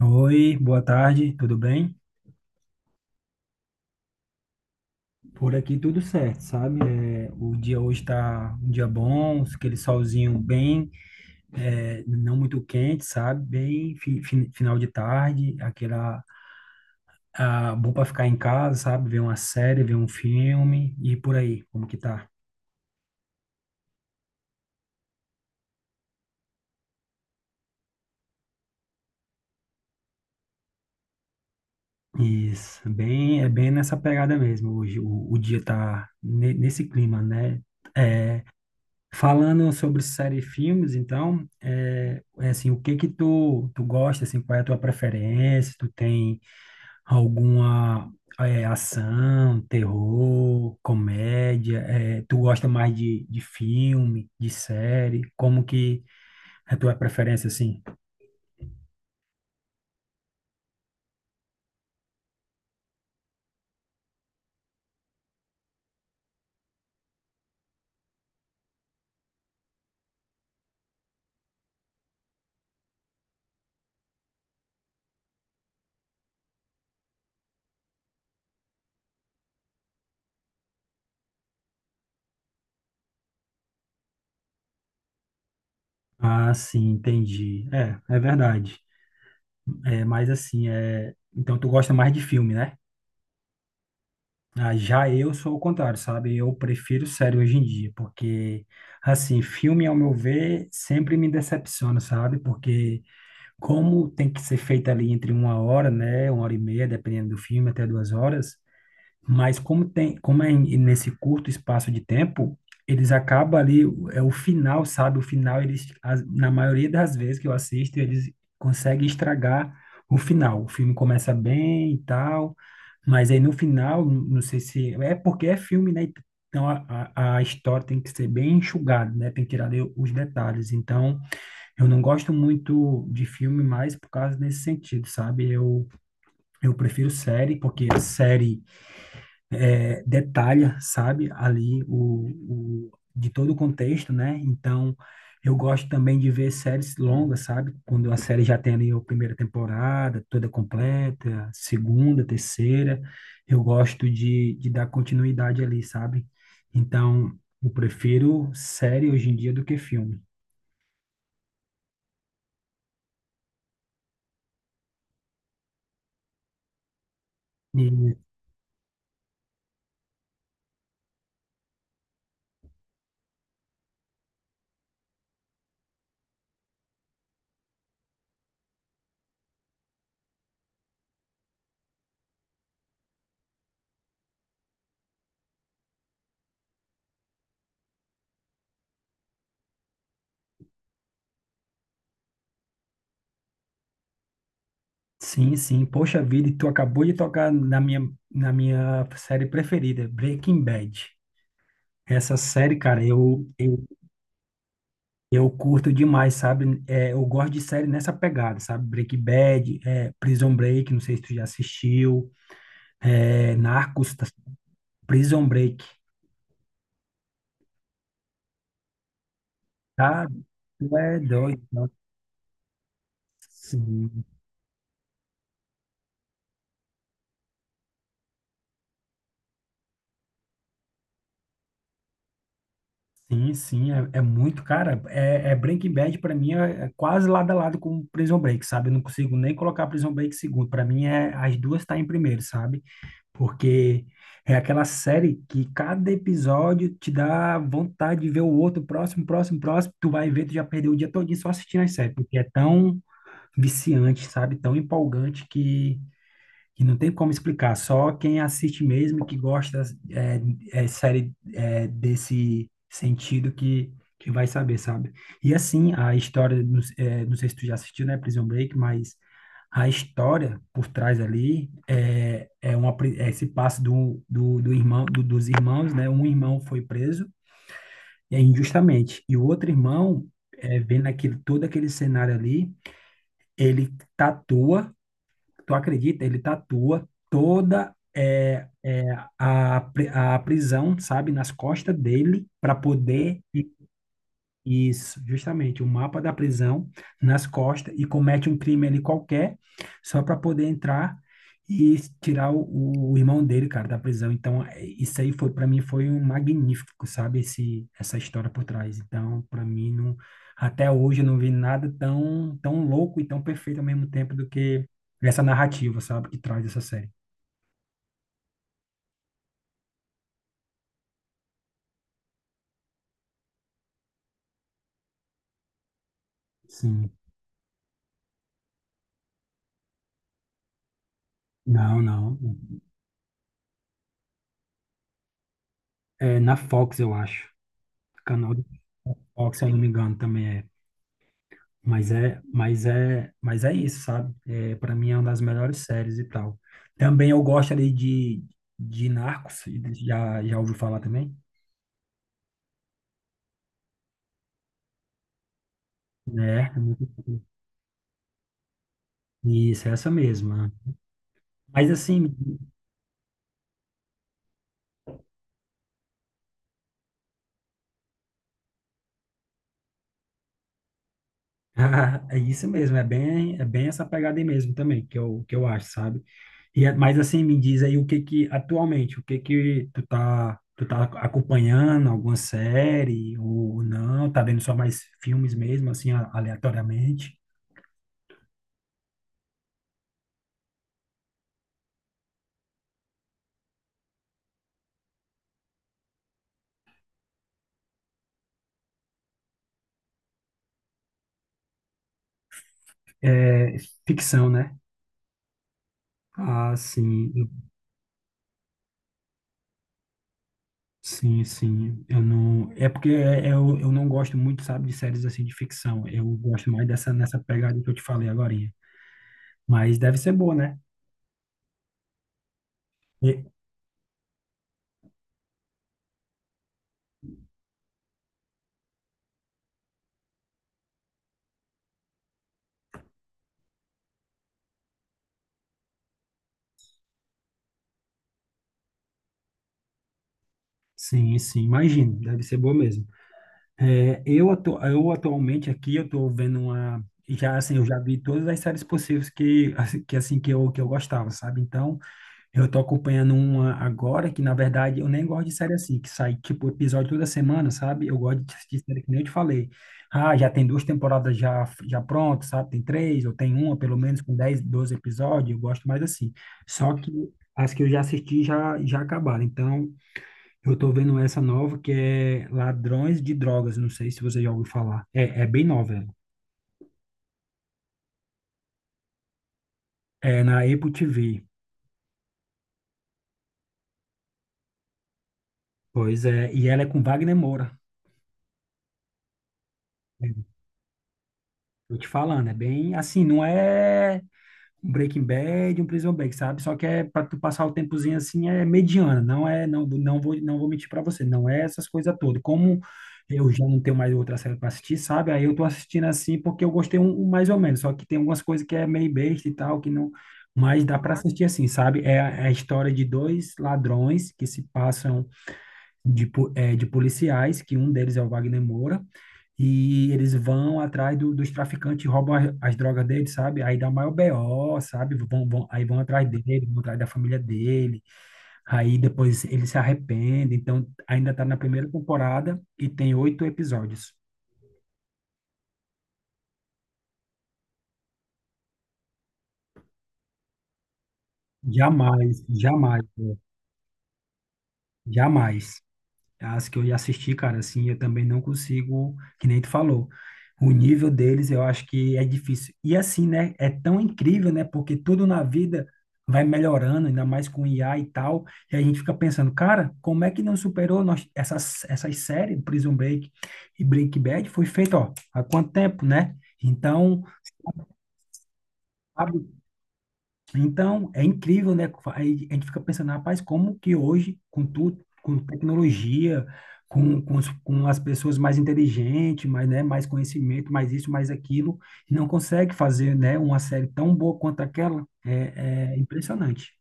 Oi, boa tarde, tudo bem? Por aqui tudo certo, sabe? O dia hoje está um dia bom, aquele solzinho bem, não muito quente, sabe? Bem final de tarde, aquela bom para ficar em casa, sabe? Ver uma série, ver um filme e por aí, como que tá? Isso, bem, é bem nessa pegada mesmo hoje. O dia tá nesse clima, né? É, Falando sobre série e filmes, então, é assim, o que que tu gosta, assim, qual é a tua preferência? Tu tem alguma ação, terror, comédia? É, tu gosta mais de filme, de série? Como que é a tua preferência, assim? Ah, sim, entendi. É, é verdade. É, mas assim, é... Então tu gosta mais de filme, né? Ah, já eu sou o contrário, sabe? Eu prefiro série hoje em dia, porque, assim, filme, ao meu ver, sempre me decepciona, sabe? Porque como tem que ser feito ali entre uma hora, né? Uma hora e meia, dependendo do filme, até duas horas. Mas como tem, como nesse curto espaço de tempo, eles acabam ali, é o final, sabe? O final, eles, na maioria das vezes que eu assisto, eles conseguem estragar o final. O filme começa bem e tal, mas aí no final, não sei se... É porque é filme, né? Então a história tem que ser bem enxugada, né? Tem que tirar ali os detalhes. Então, eu não gosto muito de filme mais por causa desse sentido, sabe? Eu prefiro série, porque série é, detalha, sabe, ali o de todo o contexto, né? Então, eu gosto também de ver séries longas, sabe? Quando a série já tem ali a primeira temporada toda completa, segunda, terceira, eu gosto de dar continuidade ali, sabe? Então, eu prefiro série hoje em dia do que filme. E, sim, sim, poxa vida, e tu acabou de tocar na minha série preferida, Breaking Bad. Essa série, cara, eu eu curto demais, sabe? É, eu gosto de série nessa pegada, sabe? Breaking Bad, é, Prison Break, não sei se tu já assistiu, é, Narcos, tá- Prison Break, tá? Tu é doido, não. Sim, sim, sim, é muito, cara, é Breaking Bad pra mim é quase lado a lado com Prison Break, sabe? Eu não consigo nem colocar Prison Break em segundo, pra mim é, as duas tá em primeiro, sabe? Porque é aquela série que cada episódio te dá vontade de ver o outro, próximo, próximo, próximo. Tu vai ver, tu já perdeu o dia todo só assistindo as séries, porque é tão viciante, sabe? Tão empolgante que não tem como explicar, só quem assiste mesmo e que gosta é, é série desse sentido que vai saber, sabe? E assim, a história, não, é, não sei se tu já assistiu, né, Prison Break, mas a história por trás ali uma, é esse passo do irmão, dos irmãos, né? Um irmão foi preso é, injustamente, e o outro irmão, é, vendo aquele, todo aquele cenário ali, ele tatua. Tu acredita? Ele tatua toda a, a prisão, sabe, nas costas dele, para poder isso, justamente, o mapa da prisão nas costas e comete um crime ali qualquer, só para poder entrar e tirar o irmão dele, cara, da prisão. Então, é, isso aí foi para mim foi um magnífico, sabe, esse essa história por trás. Então, para mim não, até hoje eu não vi nada tão tão louco e tão perfeito ao mesmo tempo do que essa narrativa, sabe, que traz essa série. Sim. Não, não. É na Fox, eu acho. Canal do Fox, se eu não me engano, também é. Mas é isso, sabe? É, para mim é uma das melhores séries e tal. Também eu gosto ali de Narcos, já ouviu falar também? Né? Isso, é essa mesma. Mas assim, é isso mesmo, é bem essa pegada aí mesmo também, que eu acho, sabe? E, é- mas assim, me diz aí o que que, atualmente, o que que tu tá acompanhando, alguma série ou não, tá vendo só mais filmes mesmo, assim, aleatoriamente? É ficção, né? Ah, sim, eu- sim, sim. Eu não. É porque eu não gosto muito, sabe, de séries assim de ficção. Eu gosto mais dessa nessa pegada que eu te falei agorinha. Mas deve ser boa, né? E- sim, sim, imagino. Deve ser boa mesmo. É, eu, eu atualmente aqui eu tô vendo uma. Já assim, eu já vi todas as séries possíveis que, assim, que eu gostava, sabe? Então eu tô acompanhando uma agora que, na verdade, eu nem gosto de série assim, que sai, tipo, episódio toda semana, sabe? Eu gosto de série que nem eu te falei. Ah, já tem duas temporadas já, já prontas, sabe? Tem três, ou tem uma, pelo menos, com 10 12 episódios. Eu gosto mais assim. Só que as que eu já assisti já, já acabaram. Então, eu tô vendo essa nova que é Ladrões de Drogas. Não sei se você já ouviu falar. É, é bem nova ela. É na Apple TV. Pois é. E ela é com Wagner Moura. É, tô te falando, é bem assim, não é. Um Breaking Bad, um Prison Break, sabe? Só que é para tu passar o tempozinho, assim é mediana, não é, não, não vou mentir para você, não é essas coisas todas. Como eu já não tenho mais outra série para assistir, sabe? Aí eu tô assistindo assim porque eu gostei um mais ou menos, só que tem algumas coisas que é meio besta e tal, que não, mas dá para assistir assim, sabe? É a história de dois ladrões que se passam de, de policiais, que um deles é o Wagner Moura, e eles vão atrás dos traficantes, e roubam as, as drogas dele, sabe? Aí dá o maior BO, sabe? Vão, vão, aí vão atrás dele, vão atrás da família dele, aí depois ele se arrepende. Então, ainda tá na primeira temporada e tem 8 episódios. Jamais, jamais, jamais. As que eu já assisti, cara, assim, eu também não consigo, que nem tu falou. O nível deles eu acho que é difícil. E assim, né? É tão incrível, né? Porque tudo na vida vai melhorando, ainda mais com IA e tal. E a gente fica pensando, cara, como é que não superou nós, essas séries, Prison Break e Breaking Bad, foi feito, ó, há quanto tempo, né? Então, é incrível, né? Aí a gente fica pensando, rapaz, como que hoje, com tudo, com tecnologia, com as pessoas mais inteligentes, mais, né, mais conhecimento, mais isso, mais aquilo, não consegue fazer, né, uma série tão boa quanto aquela? É, é impressionante.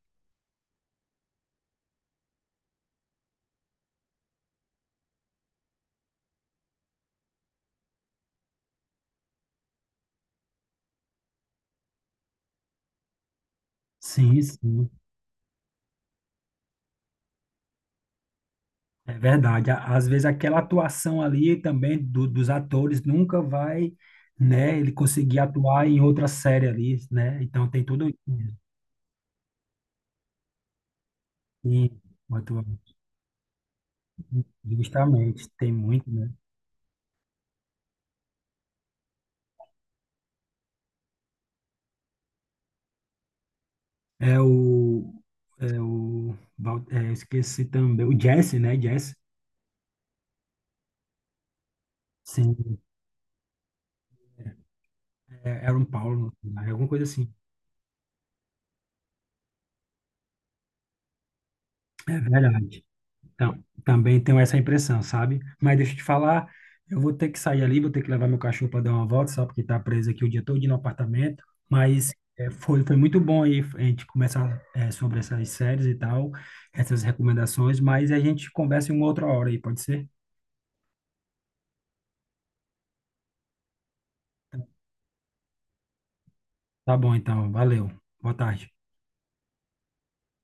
Sim, sim, é verdade. Á- Às vezes aquela atuação ali também dos atores nunca vai, né, ele conseguir atuar em outra série ali, né? Então tem tudo isso. Sim, justamente, tem muito, né? É o. É o. Val- É, esqueci também. O Jesse, né? Jesse. Sim. É, era um Paulo, né? Alguma coisa assim. É verdade. Então, também tenho essa impressão, sabe? Mas deixa eu te falar, eu vou ter que sair ali, vou ter que levar meu cachorro para dar uma volta, só porque tá preso aqui o dia todo no apartamento. Mas é, foi, foi muito bom aí a gente começar é, sobre essas séries e tal, essas recomendações, mas a gente conversa em uma outra hora aí, pode ser? Tá bom, então. Valeu. Boa tarde.